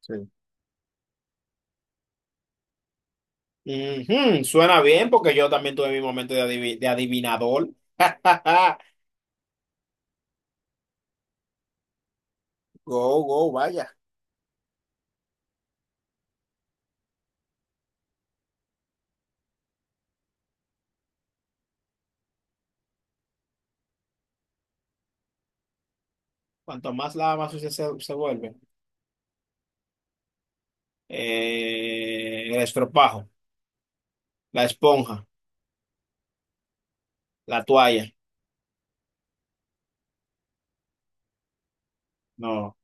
Sí. Ujú, suena bien porque yo también tuve mi momento de, de adivinador. Go, go, vaya. Cuanto más lava, más sucia se vuelve. El estropajo, la esponja, la toalla. No,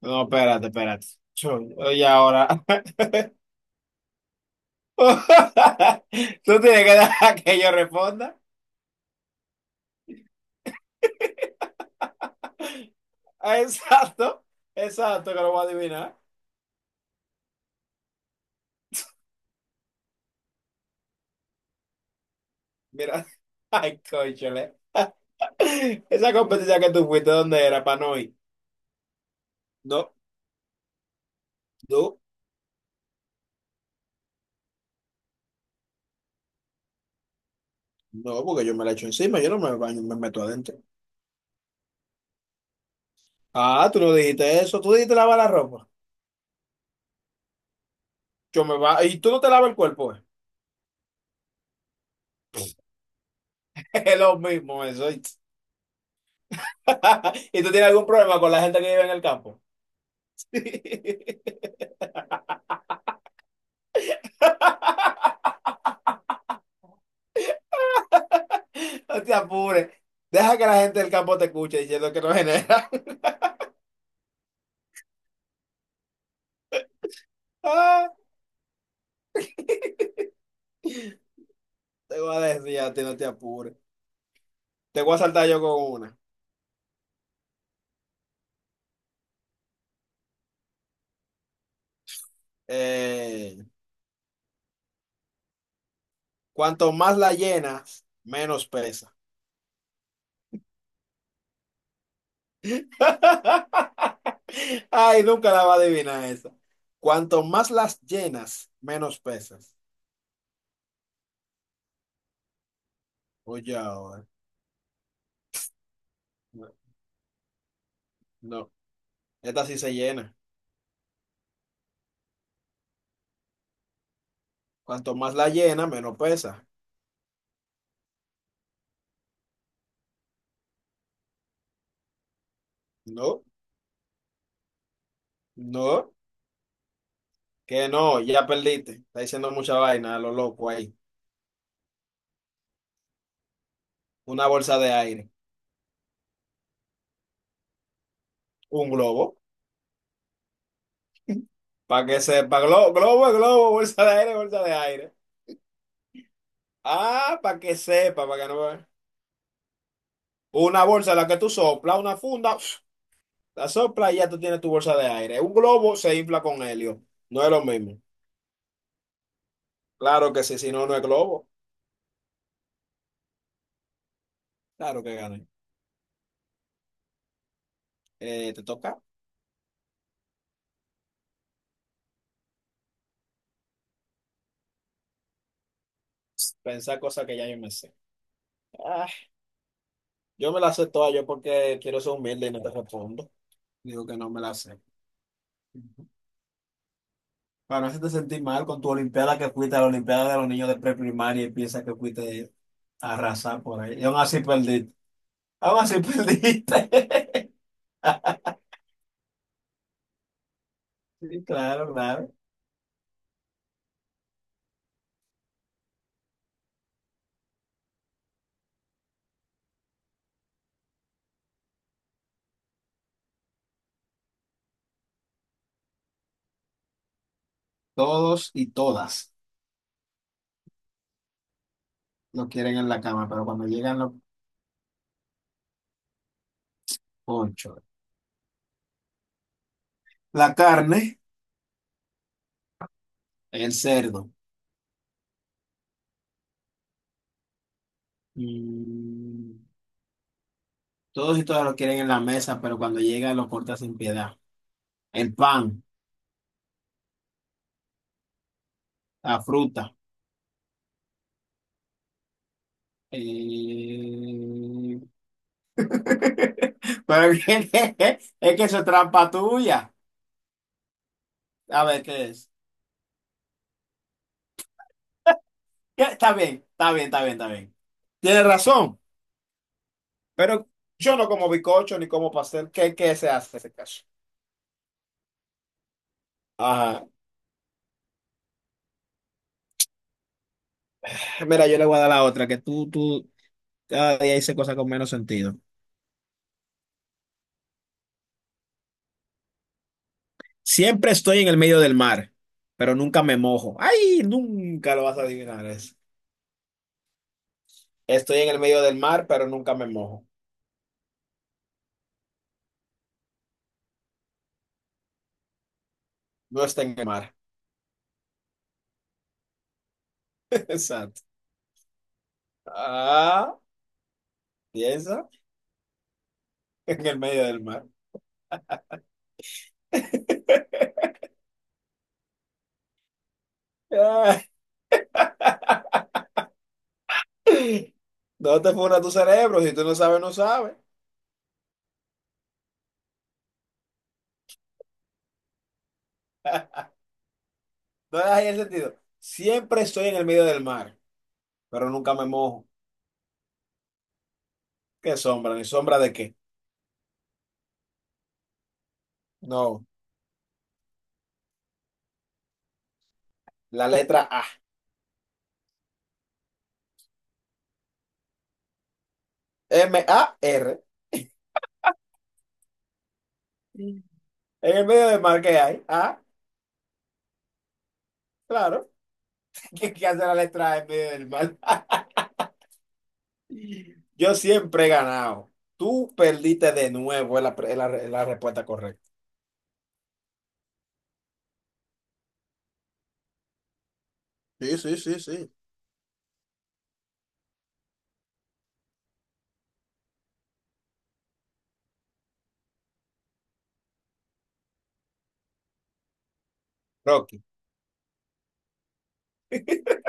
no, espérate, espérate. Yo- Oye, ahora. Tú tienes que dejar que yo responda. Exacto, exacto, que lo voy a adivinar. Mira, ay, cónchale. Esa competencia que tú fuiste, ¿dónde era, para no ir? No, no, no, porque yo me la echo encima, yo no me baño, me meto adentro. Ah, tú no dijiste eso, tú dijiste lavar la ropa. Yo me va, ¿y tú no te lavas el cuerpo, eh? Es lo mismo eso. ¿Y tú tienes algún problema con la gente que vive en el campo? No te apures. Deja que la gente del campo te escuche diciendo que no genera. Ah, te voy a decir a ti, no te apures. Te voy a saltar yo con una. Eh, Cuanto más la llenas, menos pesa. Ay, nunca la va a adivinar esa. Cuanto más las llenas, menos pesas. Oye, ahora. No, no, esta sí se llena. Cuanto más la llena, menos pesa. No, no, que no, ya perdiste. Está diciendo mucha vaina a lo loco ahí. Una bolsa de aire, un globo, para que sepa. Globo, es globo, bolsa de aire, bolsa de aire. Ah, para que sepa, para que no vea. Una bolsa en la que tú soplas, una funda, la sopla y ya tú tienes tu bolsa de aire. Un globo se infla con helio. No es lo mismo. Claro que sí, si no, no es globo. Claro que gané. Te toca pensar cosas que ya yo me sé. Ah, yo me las sé todas yo porque quiero ser humilde y no te respondo. Digo que no me las sé. Ujú. Para no hacerte sentir mal con tu olimpiada, que fuiste a la olimpiada de los niños de preprimaria y piensas que fuiste a arrasar por ahí. Y aún así perdiste. Aún así perdiste. Sí, claro, claro. Todos y todas lo quieren en la cama, pero cuando llegan los ponchos, la carne, el cerdo. Mm, todos y todas lo quieren en la mesa, pero cuando llega lo corta sin piedad. El pan, la fruta. eh, Pero ¿qué es? Es que eso es trampa tuya. A ver, ¿qué es? ¿Qué? Está bien, está bien, está bien, está bien. Tienes razón, pero yo no como bizcocho ni como pastel. ¿Qué, qué se hace en ese caso? Ajá. Mira, yo le voy a dar la otra, que tú cada día dices cosas con menos sentido. Siempre estoy en el medio del mar, pero nunca me mojo. ¡Ay! Nunca lo vas a adivinar eso. Estoy en el medio del mar, pero nunca me mojo. No está en el mar. Exacto. Ah, piensa en el medio del mar. Ah, no te funda tu cerebro. Si tú no sabes, no sabes. No le das ahí el sentido. Siempre estoy en el medio del mar, pero nunca me mojo. ¿Qué sombra? ¿Ni sombra de qué? No. La letra A. mar. Sí. En el medio del mar que hay. Ah, claro. ¿Qué, qué hace la letra A en medio del mar? Yo siempre he ganado. Tú perdiste de nuevo es la, es la respuesta correcta. Sí, sí, sí, sí. Rocky.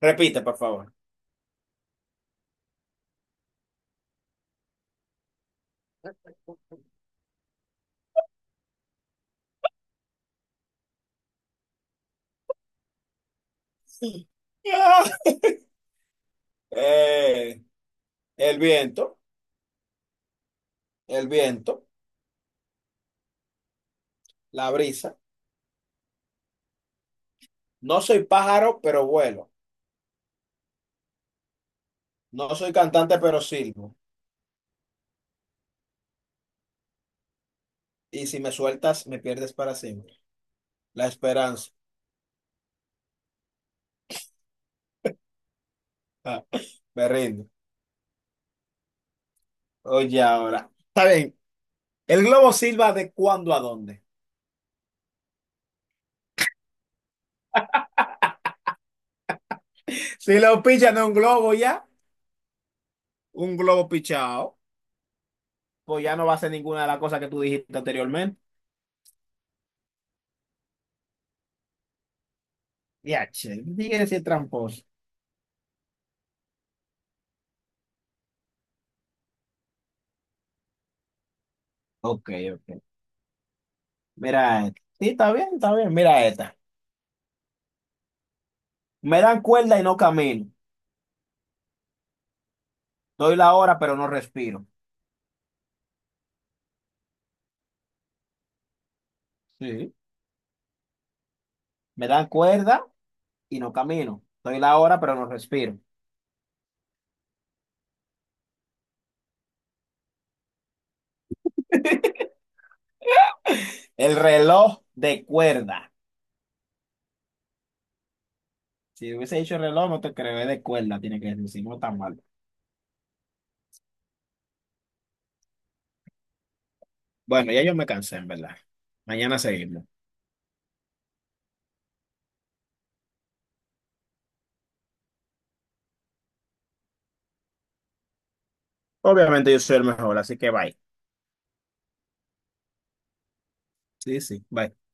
Repite, por favor. Sí. Ah, eh, el viento, el viento, la brisa. No soy pájaro, pero vuelo. No soy cantante, pero silbo. Y si me sueltas, me pierdes para siempre. La esperanza. Ah, me rindo. Oye, ahora. Está bien. El globo silba de cuándo a dónde. Si lo pichan de un globo ya, un globo pichado, pues ya no va a ser ninguna de las cosas que tú dijiste anteriormente. Ya, che, sigue decir tramposo. Ok, ok. Mira esta. Sí, está bien, está bien. Mira esta. Me dan cuerda y no camino. Doy la hora, pero no respiro. Sí. Me dan cuerda y no camino. Doy la hora, pero no respiro. El reloj de cuerda. Si hubiese dicho reloj, no te creo, es de cuerda, tiene que decir, no tan mal. Bueno, ya yo me cansé, en verdad. Mañana seguimos. Obviamente yo soy el mejor, así que bye. Sí, sí, bye.